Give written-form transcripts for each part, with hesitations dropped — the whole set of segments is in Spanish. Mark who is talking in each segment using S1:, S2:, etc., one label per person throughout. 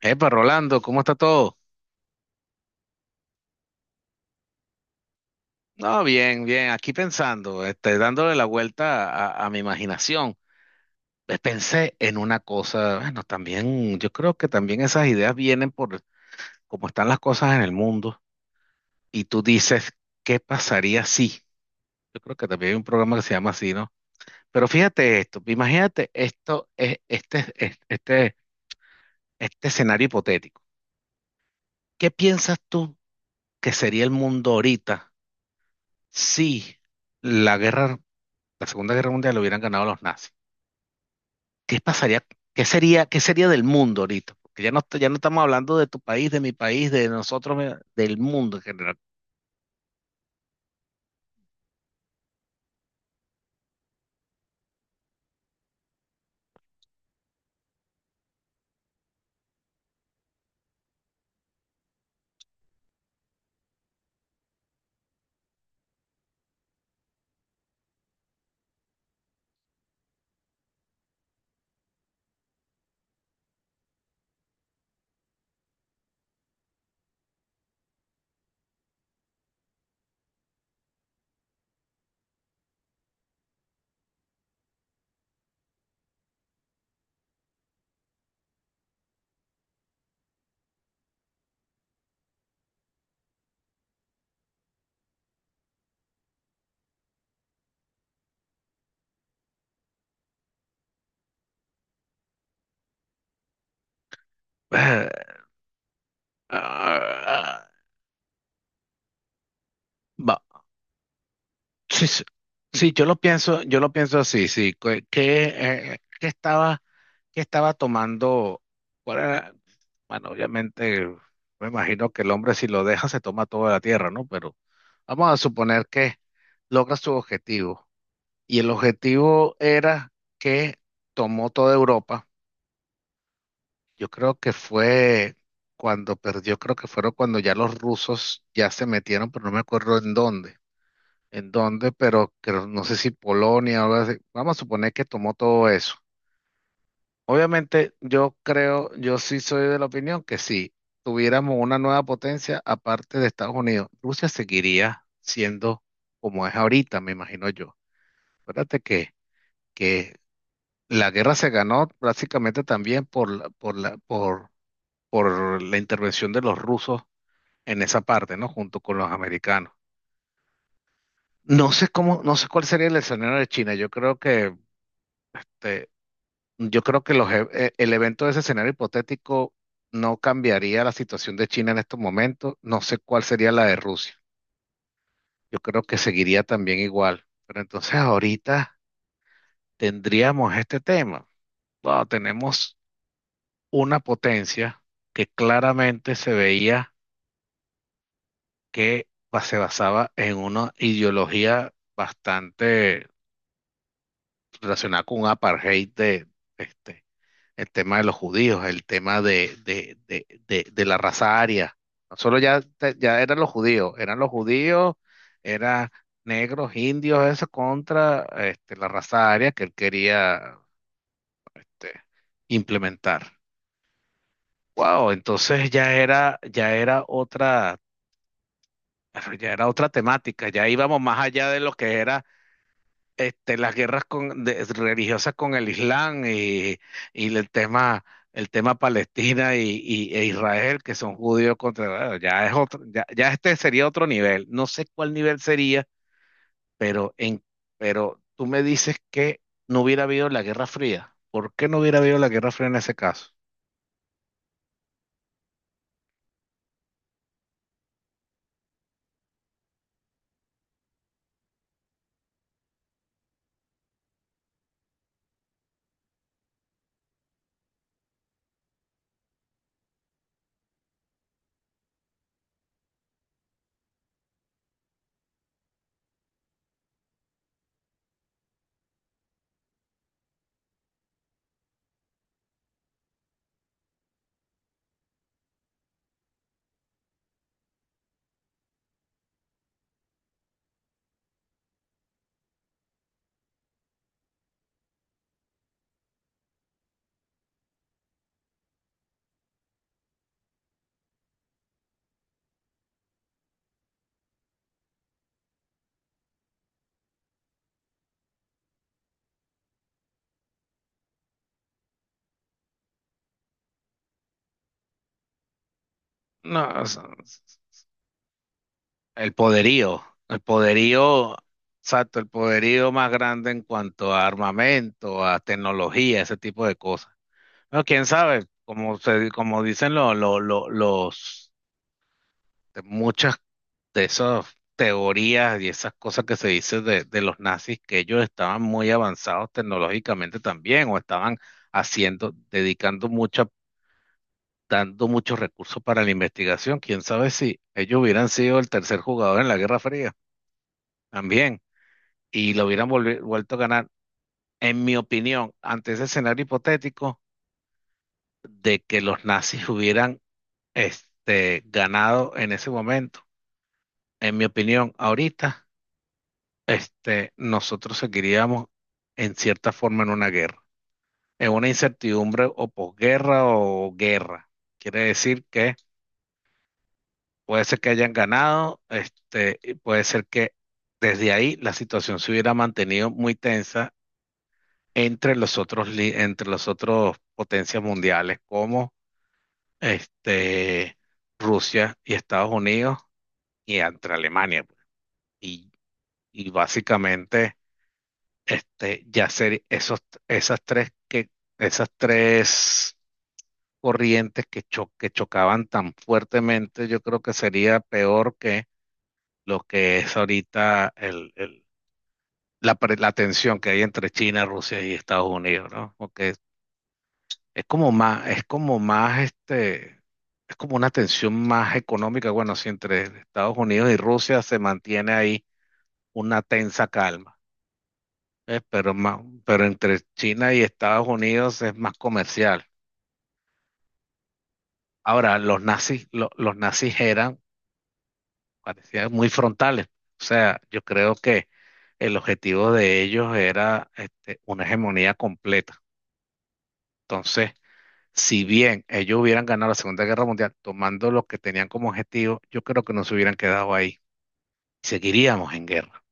S1: Epa, Rolando, ¿cómo está todo? No, bien, bien, aquí pensando, dándole la vuelta a mi imaginación. Pues pensé en una cosa, bueno, también, yo creo que también esas ideas vienen por cómo están las cosas en el mundo. Y tú dices, ¿qué pasaría si? Yo creo que también hay un programa que se llama así, ¿no? Pero fíjate esto, imagínate esto, este escenario hipotético. ¿Qué piensas tú que sería el mundo ahorita si la guerra la Segunda Guerra Mundial lo hubieran ganado los nazis? ¿Qué pasaría? Qué sería del mundo ahorita? Porque ya no estamos hablando de tu país, de mi país, de nosotros, del mundo en general. Ah, ah, va, sí, sí, sí, yo lo pienso así, sí. Eh, qué estaba, qué estaba tomando? ¿Cuál era? Bueno, obviamente, me imagino que el hombre si lo deja se toma toda la tierra, ¿no? Pero vamos a suponer que logra su objetivo. Y el objetivo era que tomó toda Europa. Yo creo que fue cuando perdió, creo que fueron cuando ya los rusos ya se metieron, pero no me acuerdo en dónde. En dónde, pero no sé si Polonia o algo así. Vamos a suponer que tomó todo eso. Obviamente, yo sí soy de la opinión que si tuviéramos una nueva potencia aparte de Estados Unidos, Rusia seguiría siendo como es ahorita, me imagino yo. Acuérdate que que la guerra se ganó básicamente también por la intervención de los rusos en esa parte, ¿no? Junto con los americanos. No sé cuál sería el escenario de China. Te- yo creo que el evento de ese escenario hipotético no cambiaría la situación de China en estos momentos. No sé cuál sería la de Rusia. Yo creo que seguiría también igual. Pero entonces ahorita tendríamos este tema. Wow, tenemos una potencia que claramente se veía que se basaba en una ideología bastante relacionada con un apartheid de, este, el tema de los judíos, el tema de la raza aria. No solo ya, ya eran los judíos, eran los judíos, eran negros, indios, eso contra, la raza aria que él quería, este, implementar. Wow, entonces ya era otra. Pero ya era otra temática, ya íbamos más allá de lo que era, las guerras religiosas con el Islam y, y el tema, el tema, Palestina y, e Israel, que son judíos contra, bueno, ya es otro, ya, ya sería otro nivel. No sé cuál nivel sería, pero pero tú me dices que no hubiera habido la Guerra Fría. ¿Por qué no hubiera habido la Guerra Fría en ese caso? No, o sea, El poderío, el poderío, exacto, el poderío más grande en cuanto a armamento, a tecnología, ese tipo de cosas. Bueno, quién sabe, como dicen los, de muchas de esas teorías y esas cosas que se dice de los nazis, que ellos estaban muy avanzados tecnológicamente también, o estaban haciendo, dedicando mucha, dando muchos recursos para la investigación. Quién sabe si ellos hubieran sido el tercer jugador en la Guerra Fría también. Y lo hubieran vuelto a ganar, en mi opinión, ante ese escenario hipotético de que los nazis hubieran, ganado en ese momento. En mi opinión, ahorita, nosotros seguiríamos en cierta forma en una guerra, en una incertidumbre o posguerra o guerra. Quiere decir que puede ser que hayan ganado, y puede ser que desde ahí la situación se hubiera mantenido muy tensa entre los otros, entre los otros potencias mundiales como, este, Rusia y Estados Unidos y entre Alemania, pues. Y, básicamente, este, ya ser esos, esas tres, que, esas tres corrientes que chocaban tan fuertemente, yo creo que sería peor que lo que es ahorita, la tensión que hay entre China, Rusia y Estados Unidos, ¿no? Porque Es como más, es como más, este, es como una tensión más económica. Bueno, si entre Estados Unidos y Rusia se mantiene ahí una tensa calma, ¿eh? Pero más, pero entre China y Estados Unidos es más comercial. Ahora, los nazis eran, parecían muy frontales. O sea, yo creo que el objetivo de ellos era, una hegemonía completa. Entonces, si bien ellos hubieran ganado la Segunda Guerra Mundial tomando lo que tenían como objetivo, yo creo que no se hubieran quedado ahí. Seguiríamos en guerra.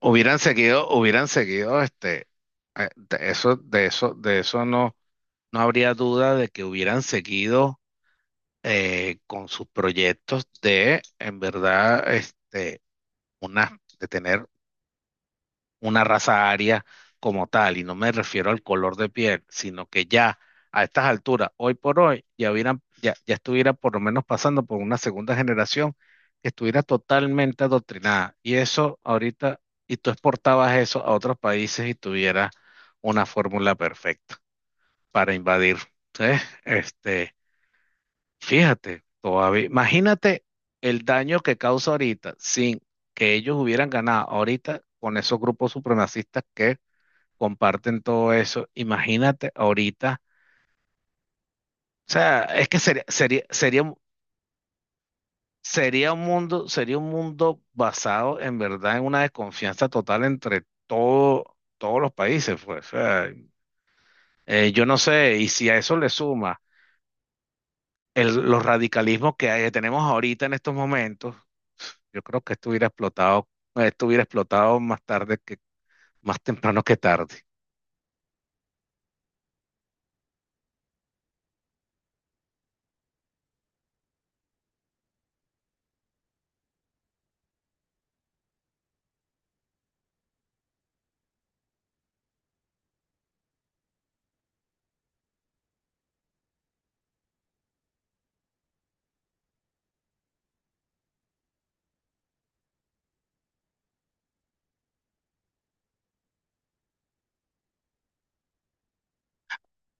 S1: Hubieran seguido, de eso, de eso no, no habría duda de que hubieran seguido con sus proyectos de, en verdad, de tener una raza aria como tal, y no me refiero al color de piel, sino que ya a estas alturas, hoy por hoy, ya, ya estuviera por lo menos pasando por una segunda generación que estuviera totalmente adoctrinada. Y eso ahorita, y tú exportabas eso a otros países y tuviera una fórmula perfecta para invadir. ¿Sí? Este, fíjate, todavía, imagínate el daño que causa ahorita sin que ellos hubieran ganado ahorita con esos grupos supremacistas que comparten todo eso. Imagínate ahorita, o sea, es que sería un mundo basado en verdad en una desconfianza total entre todos los países, pues. O sea, yo no sé, y si a eso le suma los radicalismos que tenemos ahorita en estos momentos, yo creo que esto hubiera explotado más temprano que tarde.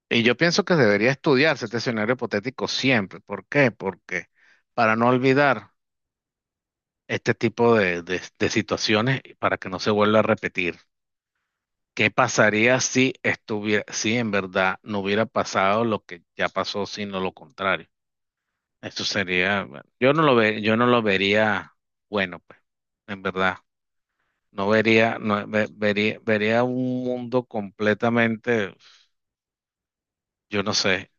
S1: Y yo pienso que debería estudiarse este escenario hipotético siempre. ¿Por qué? Porque para no olvidar este tipo de situaciones y para que no se vuelva a repetir. ¿Qué pasaría si si en verdad no hubiera pasado lo que ya pasó, sino lo contrario? Eso sería, bueno, yo no lo vería, bueno, pues, en verdad. Vería un mundo completamente, yo no sé.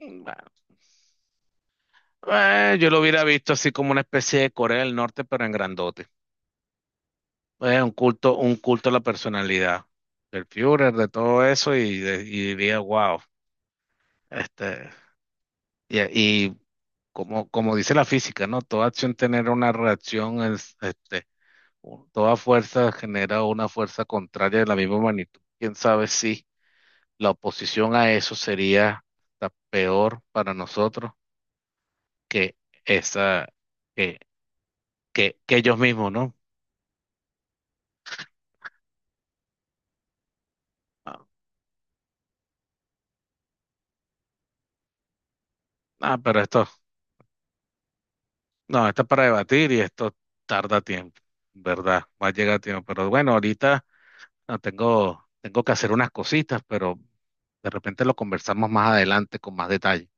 S1: Mm. Yo lo hubiera visto así como una especie de Corea del Norte, pero en grandote. Es un culto a la personalidad del Führer, de todo eso, y, y diría, wow, este, y, y como dice la física, ¿no? Toda acción genera una reacción, toda fuerza genera una fuerza contraria de la misma magnitud. ¿Quién sabe si la oposición a eso sería hasta peor para nosotros que esa, que, que ellos mismos, no? Ah, pero esto, no, esto es para debatir y esto tarda tiempo, ¿verdad? Va a llegar tiempo. Pero bueno, ahorita no, tengo que hacer unas cositas, pero de repente lo conversamos más adelante con más detalle.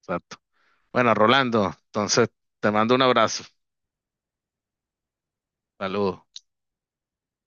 S1: Exacto. Bueno, Rolando, entonces te mando un abrazo. Saludos.